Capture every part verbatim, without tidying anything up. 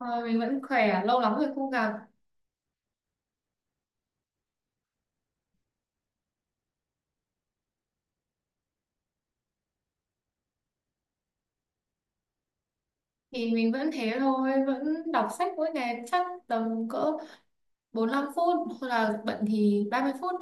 Thôi mình vẫn khỏe, lâu lắm rồi không gặp, thì mình vẫn thế thôi, vẫn đọc sách mỗi ngày chắc tầm cỡ bốn mươi lăm phút hoặc là bận thì ba mươi phút.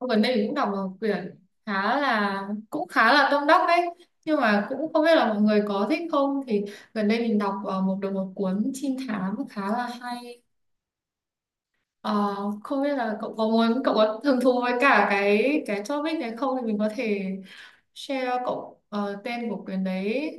Gần đây mình cũng đọc một quyển khá là, cũng khá là tâm đắc đấy. Nhưng mà cũng không biết là mọi người có thích không, thì gần đây mình đọc ờ, một được một cuốn trinh thám khá là hay. Ờ, Không biết là cậu có muốn, cậu có hứng thú với cả cái cái topic này không, thì mình có thể share cậu ờ, tên của quyển đấy.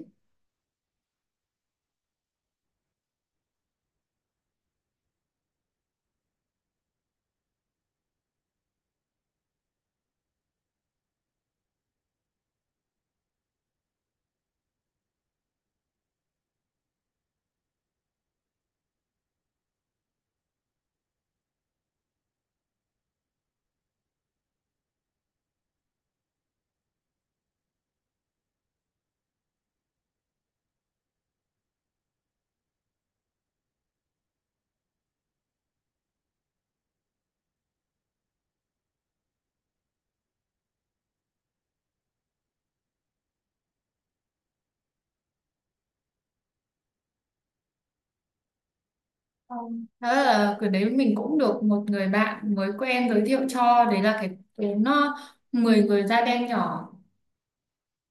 Không. Đó là, cái đấy mình cũng được một người bạn mới quen giới thiệu cho, đấy là cái cuốn nó, mười người da đen nhỏ,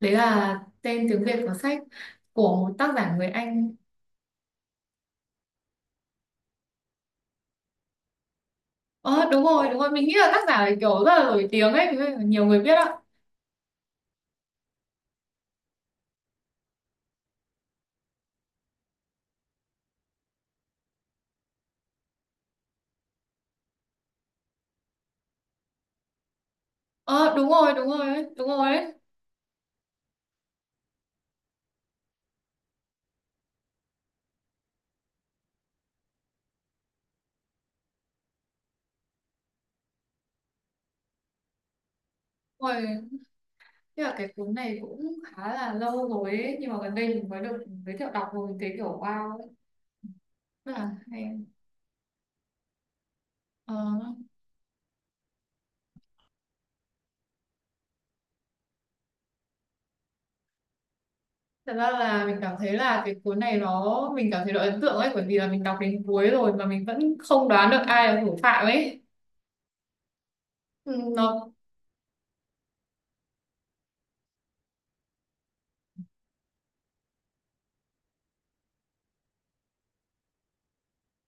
đấy là tên tiếng Việt của sách, của một tác giả người Anh. Ờ đúng rồi đúng rồi, mình nghĩ là tác giả này kiểu rất là nổi tiếng ấy, thế nên là nhiều người biết ạ. Ờ đúng rồi đúng rồi ấy, đúng rồi ấy. Rồi, thế là cái cuốn này cũng khá là lâu rồi ấy, nhưng mà gần đây mình mới được giới thiệu đọc, rồi mình thấy kiểu wow ấy. Rất là hay. Ờ. Thật ra là mình cảm thấy là cái cuốn này nó, mình cảm thấy nó ấn tượng ấy, bởi vì là mình đọc đến cuối rồi mà mình vẫn không đoán được ai là thủ phạm ấy. Ừ, nó,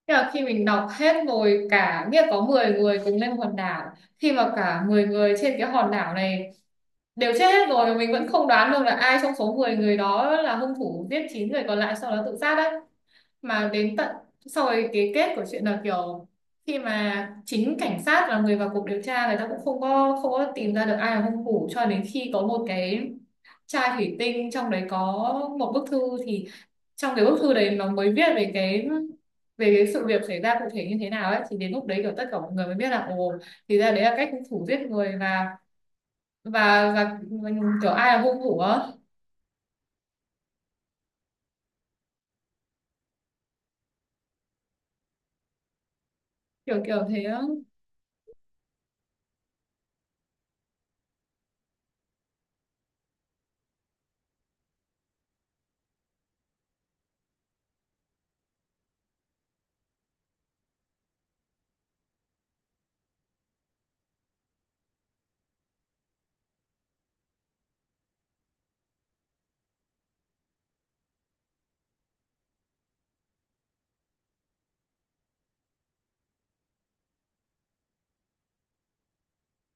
tức là khi mình đọc hết rồi, cả biết có mười người cùng lên hòn đảo, khi mà cả mười người trên cái hòn đảo này đều chết hết rồi mà mình vẫn không đoán được là ai trong số mười người đó là hung thủ giết chín người còn lại sau đó tự sát đấy. Mà đến tận sau rồi, cái kết của chuyện là kiểu, khi mà chính cảnh sát là người vào cuộc điều tra, người ta cũng không có không có tìm ra được ai là hung thủ, cho đến khi có một cái chai thủy tinh, trong đấy có một bức thư, thì trong cái bức thư đấy nó mới viết về cái về cái sự việc xảy ra cụ thể như thế nào ấy, thì đến lúc đấy kiểu tất cả mọi người mới biết là ồ, thì ra đấy là cách hung thủ giết người, và và và, và kiểu ai là hung thủ á. Kiểu kiểu thế á.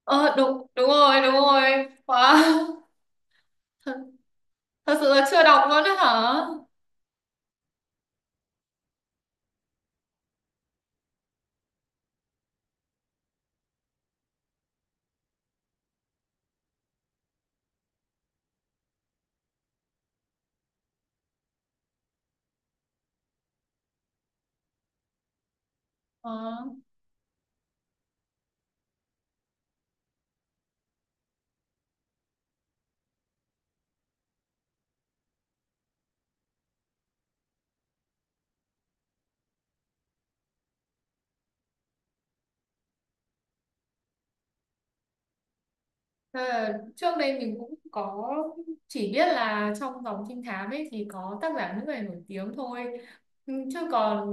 Ờ đúng đúng rồi đúng rồi, wow, thật sự là chưa đọc luôn đấy hả. Ờ. Thế là trước đây mình cũng có, chỉ biết là trong dòng trinh thám ấy thì có tác giả nước ngoài nổi tiếng thôi. Ừ, chứ còn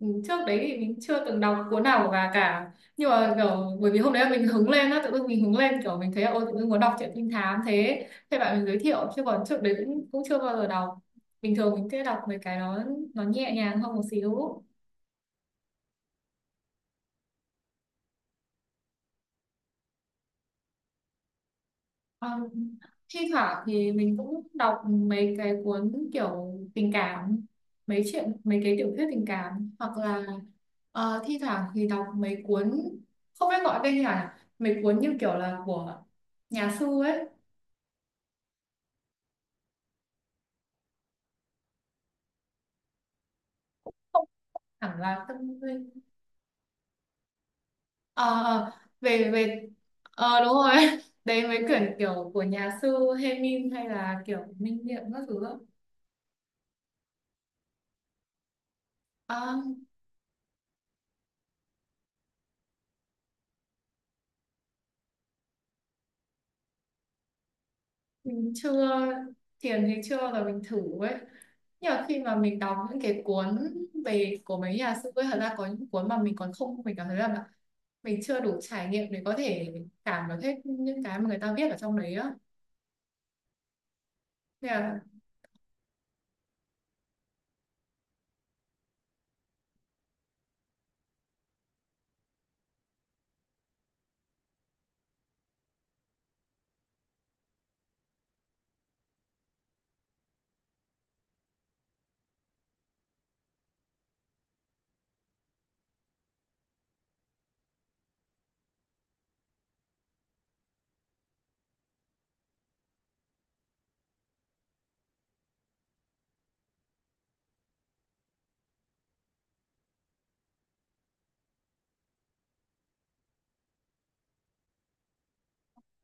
ừ, trước đấy thì mình chưa từng đọc cuốn nào của bà cả, nhưng mà kiểu bởi vì hôm đấy mình hứng lên á, tự dưng mình hứng lên kiểu mình thấy là ôi, tự dưng muốn đọc truyện trinh thám, thế thế bạn mình giới thiệu, chứ còn trước đấy cũng cũng chưa bao giờ đọc. Bình thường mình sẽ đọc mấy cái nó, nó nhẹ nhàng hơn một xíu. Ờ, thi thoảng thì mình cũng đọc mấy cái cuốn kiểu tình cảm, mấy chuyện, mấy cái tiểu thuyết tình cảm, hoặc là ờ, thi thoảng thì đọc mấy cuốn, không biết gọi tên như nào nhỉ? Mấy cuốn như kiểu là của nhà sư ấy, không hẳn là tâm linh. Ờ, ờ, về về ờ, đúng rồi đấy, mấy quyển kiểu của nhà sư Hemin hay là kiểu Minh Niệm các thứ. Đó, mình chưa, thiền thì chưa bao giờ mình thử ấy, nhưng mà khi mà mình đọc những cái cuốn về, của mấy nhà sư ấy, thật ra có những cuốn mà mình còn không, mình cảm thấy là mình chưa đủ trải nghiệm để có thể cảm được hết những cái mà người ta viết ở trong đấy á, nên là,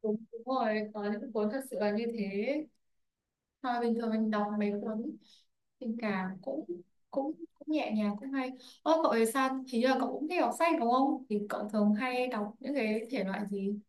đúng, đúng rồi, có những cuốn thật sự là như thế. Mà bình thường mình đọc mấy cuốn tình cảm cũng cũng cũng nhẹ nhàng cũng hay. Ơ cậu thì sao, hình như là cậu cũng thích đọc sách đúng không, thì cậu thường hay đọc những cái thể loại gì?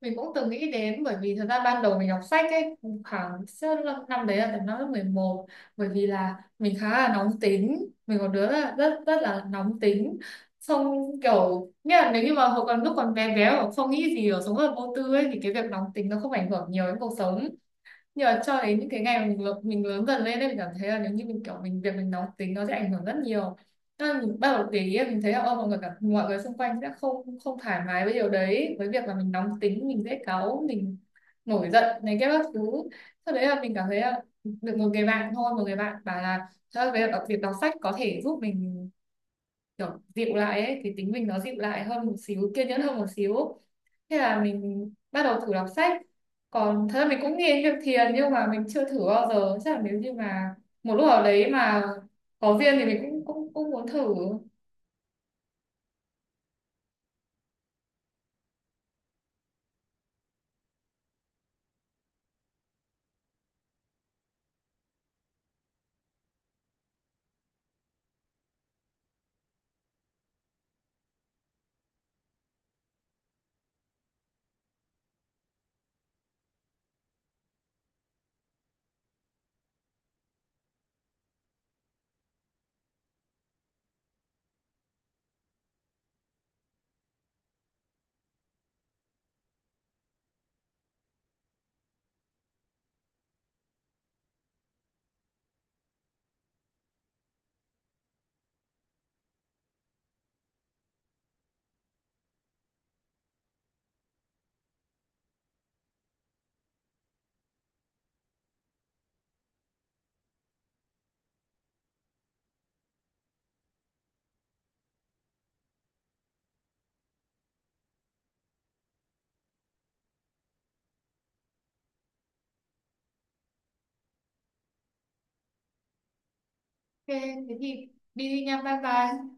Mình cũng từng nghĩ đến, bởi vì thật ra ban đầu mình đọc sách ấy, khoảng sơ- năm năm đấy, là tầm năm lớp mười một, bởi vì là mình khá là nóng tính, mình có đứa là rất rất là nóng tính, xong kiểu, nghĩa là nếu như mà hồi còn, lúc còn bé bé mà không nghĩ gì, ở sống rất là vô tư ấy, thì cái việc nóng tính nó không ảnh hưởng nhiều đến cuộc sống. Nhưng mà cho đến những cái ngày mình lớn, mình lớn dần lên ấy, mình cảm thấy là nếu như mình kiểu, mình, việc mình nóng tính nó sẽ ảnh hưởng rất nhiều. Nên mình bắt đầu để ý, mình thấy là ô, mọi người cả, mọi người xung quanh sẽ không không thoải mái với điều đấy, với việc là mình nóng tính, mình dễ cáu, mình nổi giận này kia các thứ. Sau đấy là mình cảm thấy là được một người bạn thôi, một người bạn bảo là thật ra là việc đọc sách có thể giúp mình kiểu dịu lại ấy, thì tính mình nó dịu lại hơn một xíu, kiên nhẫn hơn một xíu. Thế là mình bắt đầu thử đọc sách. Còn thật ra mình cũng nghe việc Thiền, nhưng mà mình chưa thử bao giờ. Chắc là nếu như mà một lúc nào đấy mà có duyên thì mình cũng cũng cũng muốn thử. Ok, thế thì đi đi nha, bye bye.